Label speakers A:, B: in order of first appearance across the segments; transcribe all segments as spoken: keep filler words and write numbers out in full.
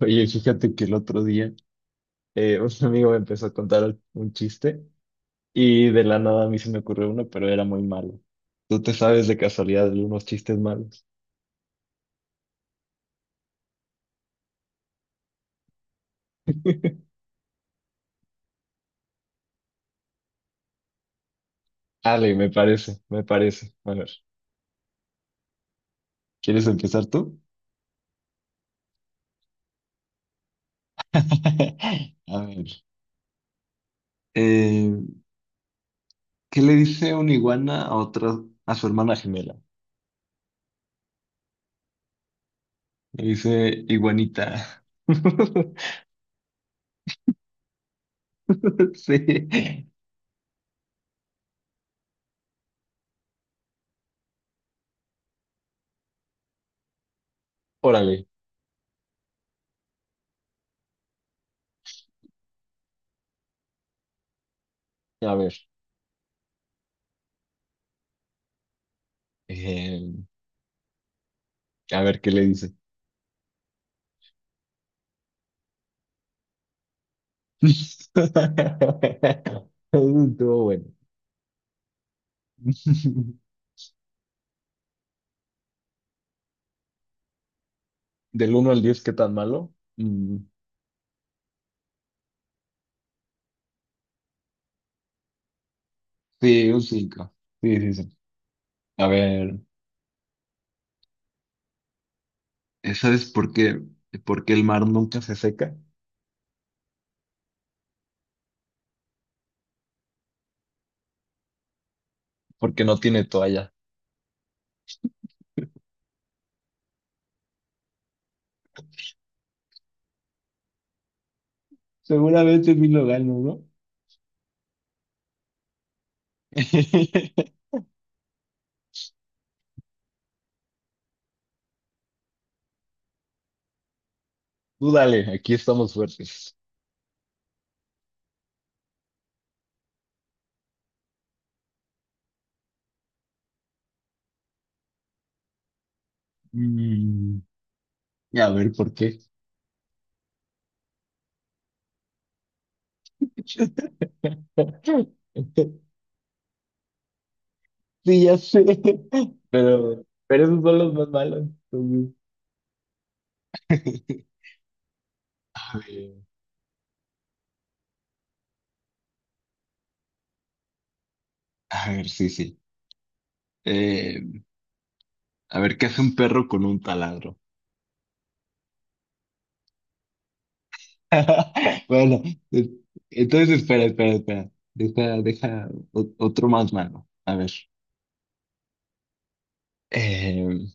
A: Oye, fíjate que el otro día eh, un amigo me empezó a contar un chiste y de la nada a mí se me ocurrió uno, pero era muy malo. ¿Tú te sabes de casualidad de unos chistes malos? Ale, me parece, me parece. A ver, ¿quieres empezar tú? A ver. eh, ¿Qué le dice una iguana a otra, a su hermana gemela? Le dice iguanita. Sí. Órale, a ver. eh, a ver qué le dice. Eso estuvo bueno. Del uno al diez, ¿qué tan malo? Mm, sí, un cinco. Sí, sí, sí. A ver, ¿sabes por qué? ¿Por qué el mar nunca se seca? Porque no tiene toalla. Seguramente mi lo gano, ¿no? Tú dale, aquí estamos fuertes. Mm, a ver, ¿por qué? Sí, ya sé. Pero, pero esos son los más malos, entonces. A ver. A ver, sí, sí. Eh, a ver, ¿qué hace un perro con un taladro? Bueno, eh, entonces espera, espera, espera. Deja, deja o- otro más malo. A ver. Eh,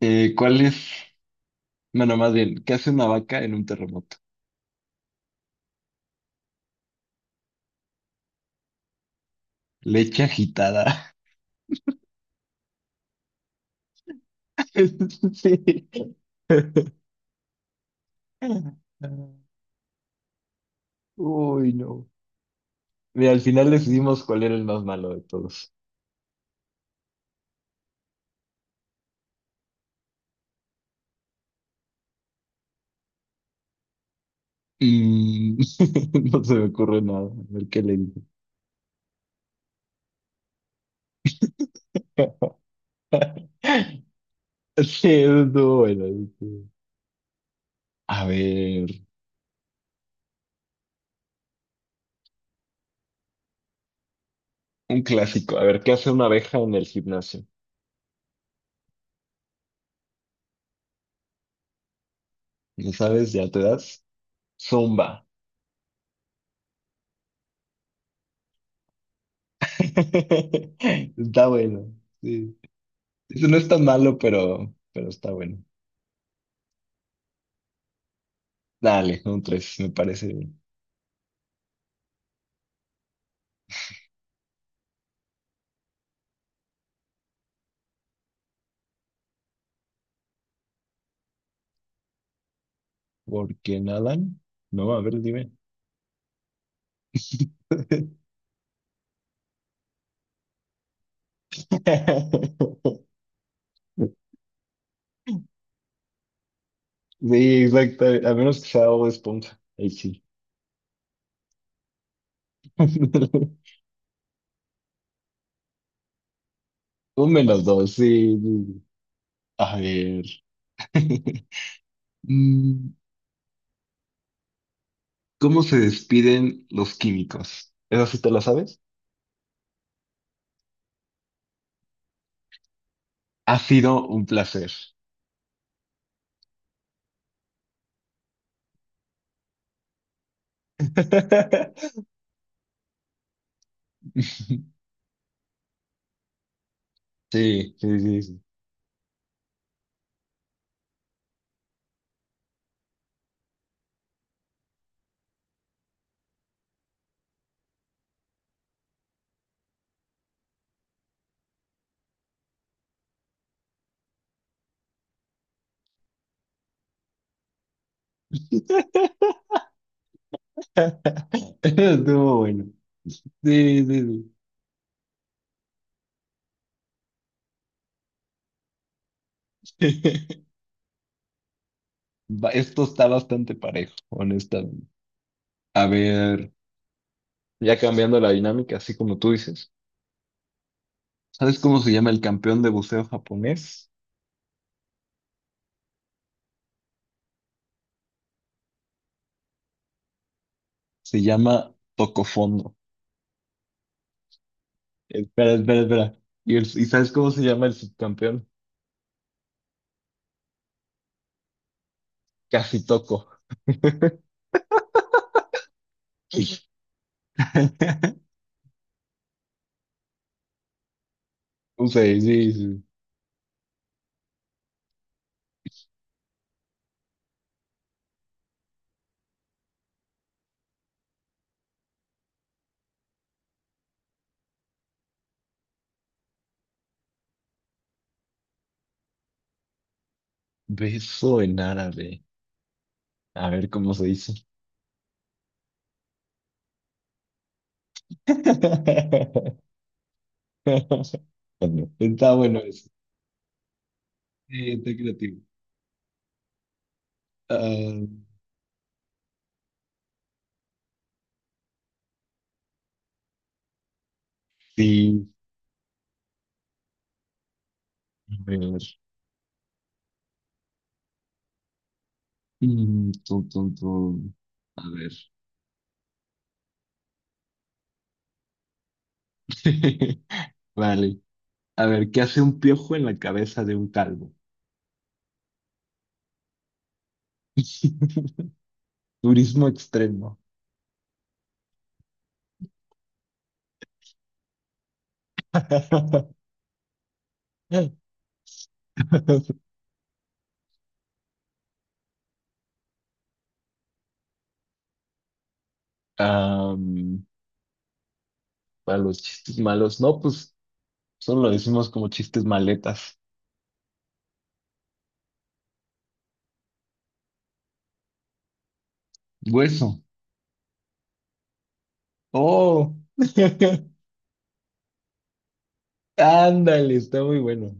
A: eh, ¿Cuál es? Bueno, más bien, ¿qué hace una vaca en un terremoto? Leche agitada. Sí. Uy, no. Mira, al final decidimos cuál era el más malo de todos. Mm, no se me ocurre nada. A ver qué le digo. Sí, eso estuvo bueno. Eso estuvo- bueno. A ver, un clásico. A ver, ¿qué hace una abeja en el gimnasio? ¿No sabes? ¿Ya te das? Zumba. Está bueno. Sí. Eso no es tan malo, pero, pero está bueno. Dale, un tres, me parece. Bien. ¿Por qué nadan? No, a ver, dime. Sí, exacto. A menos que sea Bob Esponja. Ahí sí. Un menos dos, sí. Sí, sí. A ver. Mm, ¿cómo se despiden los químicos? ¿Eso sí te lo sabes? Ha sido un placer. Sí, sí, sí, sí. Estuvo bueno. Sí, sí, sí. Va- Esto está bastante parejo, honestamente. A ver, ya cambiando la dinámica, así como tú dices. ¿Sabes cómo se llama el campeón de buceo japonés? Se llama Toco Fondo. Espera, espera, espera. ¿Y, el- y sabes cómo se llama el subcampeón? Casi Toco. O sea, dice beso en árabe. A ver cómo se dice. Está bueno eso. Sí, está creativo. Ah, sí, a ver. Mm, tum, tum, tum. A ver. Vale. A ver, ¿qué hace un piojo en la cabeza de un calvo? Turismo extremo. Am, para los chistes malos, no, pues solo lo decimos como chistes maletas. Hueso. Oh, ándale, está muy bueno.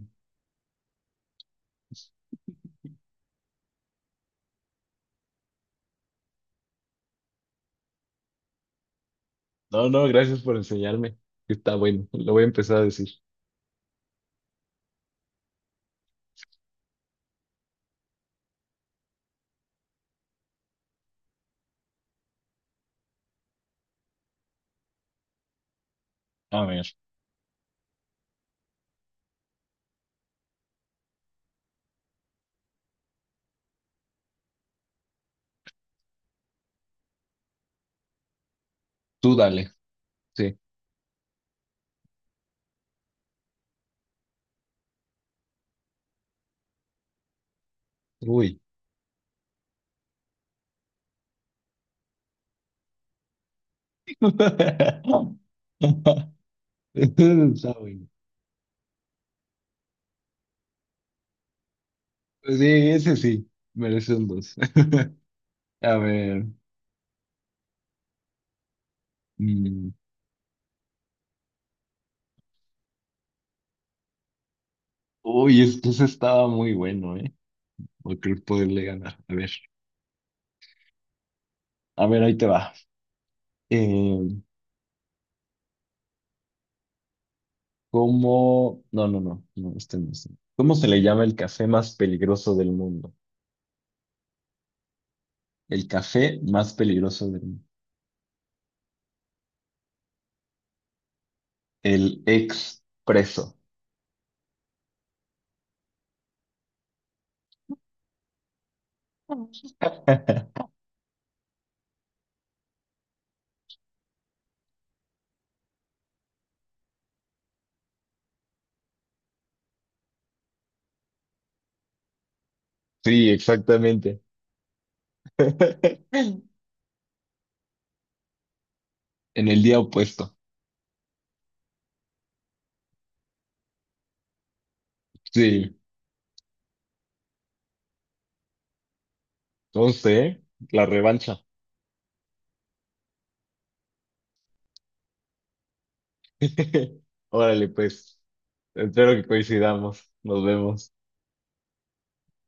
A: No, no, gracias por enseñarme. Está bueno, lo voy a empezar a decir. A ver, tú dale. Sí. Uy. Está bueno. Sí, ese sí, merece un dos. A ver. Mm, uy, es que ese estaba muy bueno, ¿eh? Por poderle ganar. A ver, a ver, ahí te va. Eh, ¿Cómo? No, no, no, no, este no, este no. ¿Cómo se le llama el café más peligroso del mundo? El café más peligroso del mundo. El expreso. Sí, exactamente. En el día opuesto. Sí. Entonces, ¿eh? La revancha. Órale, pues. Espero que coincidamos. Nos vemos.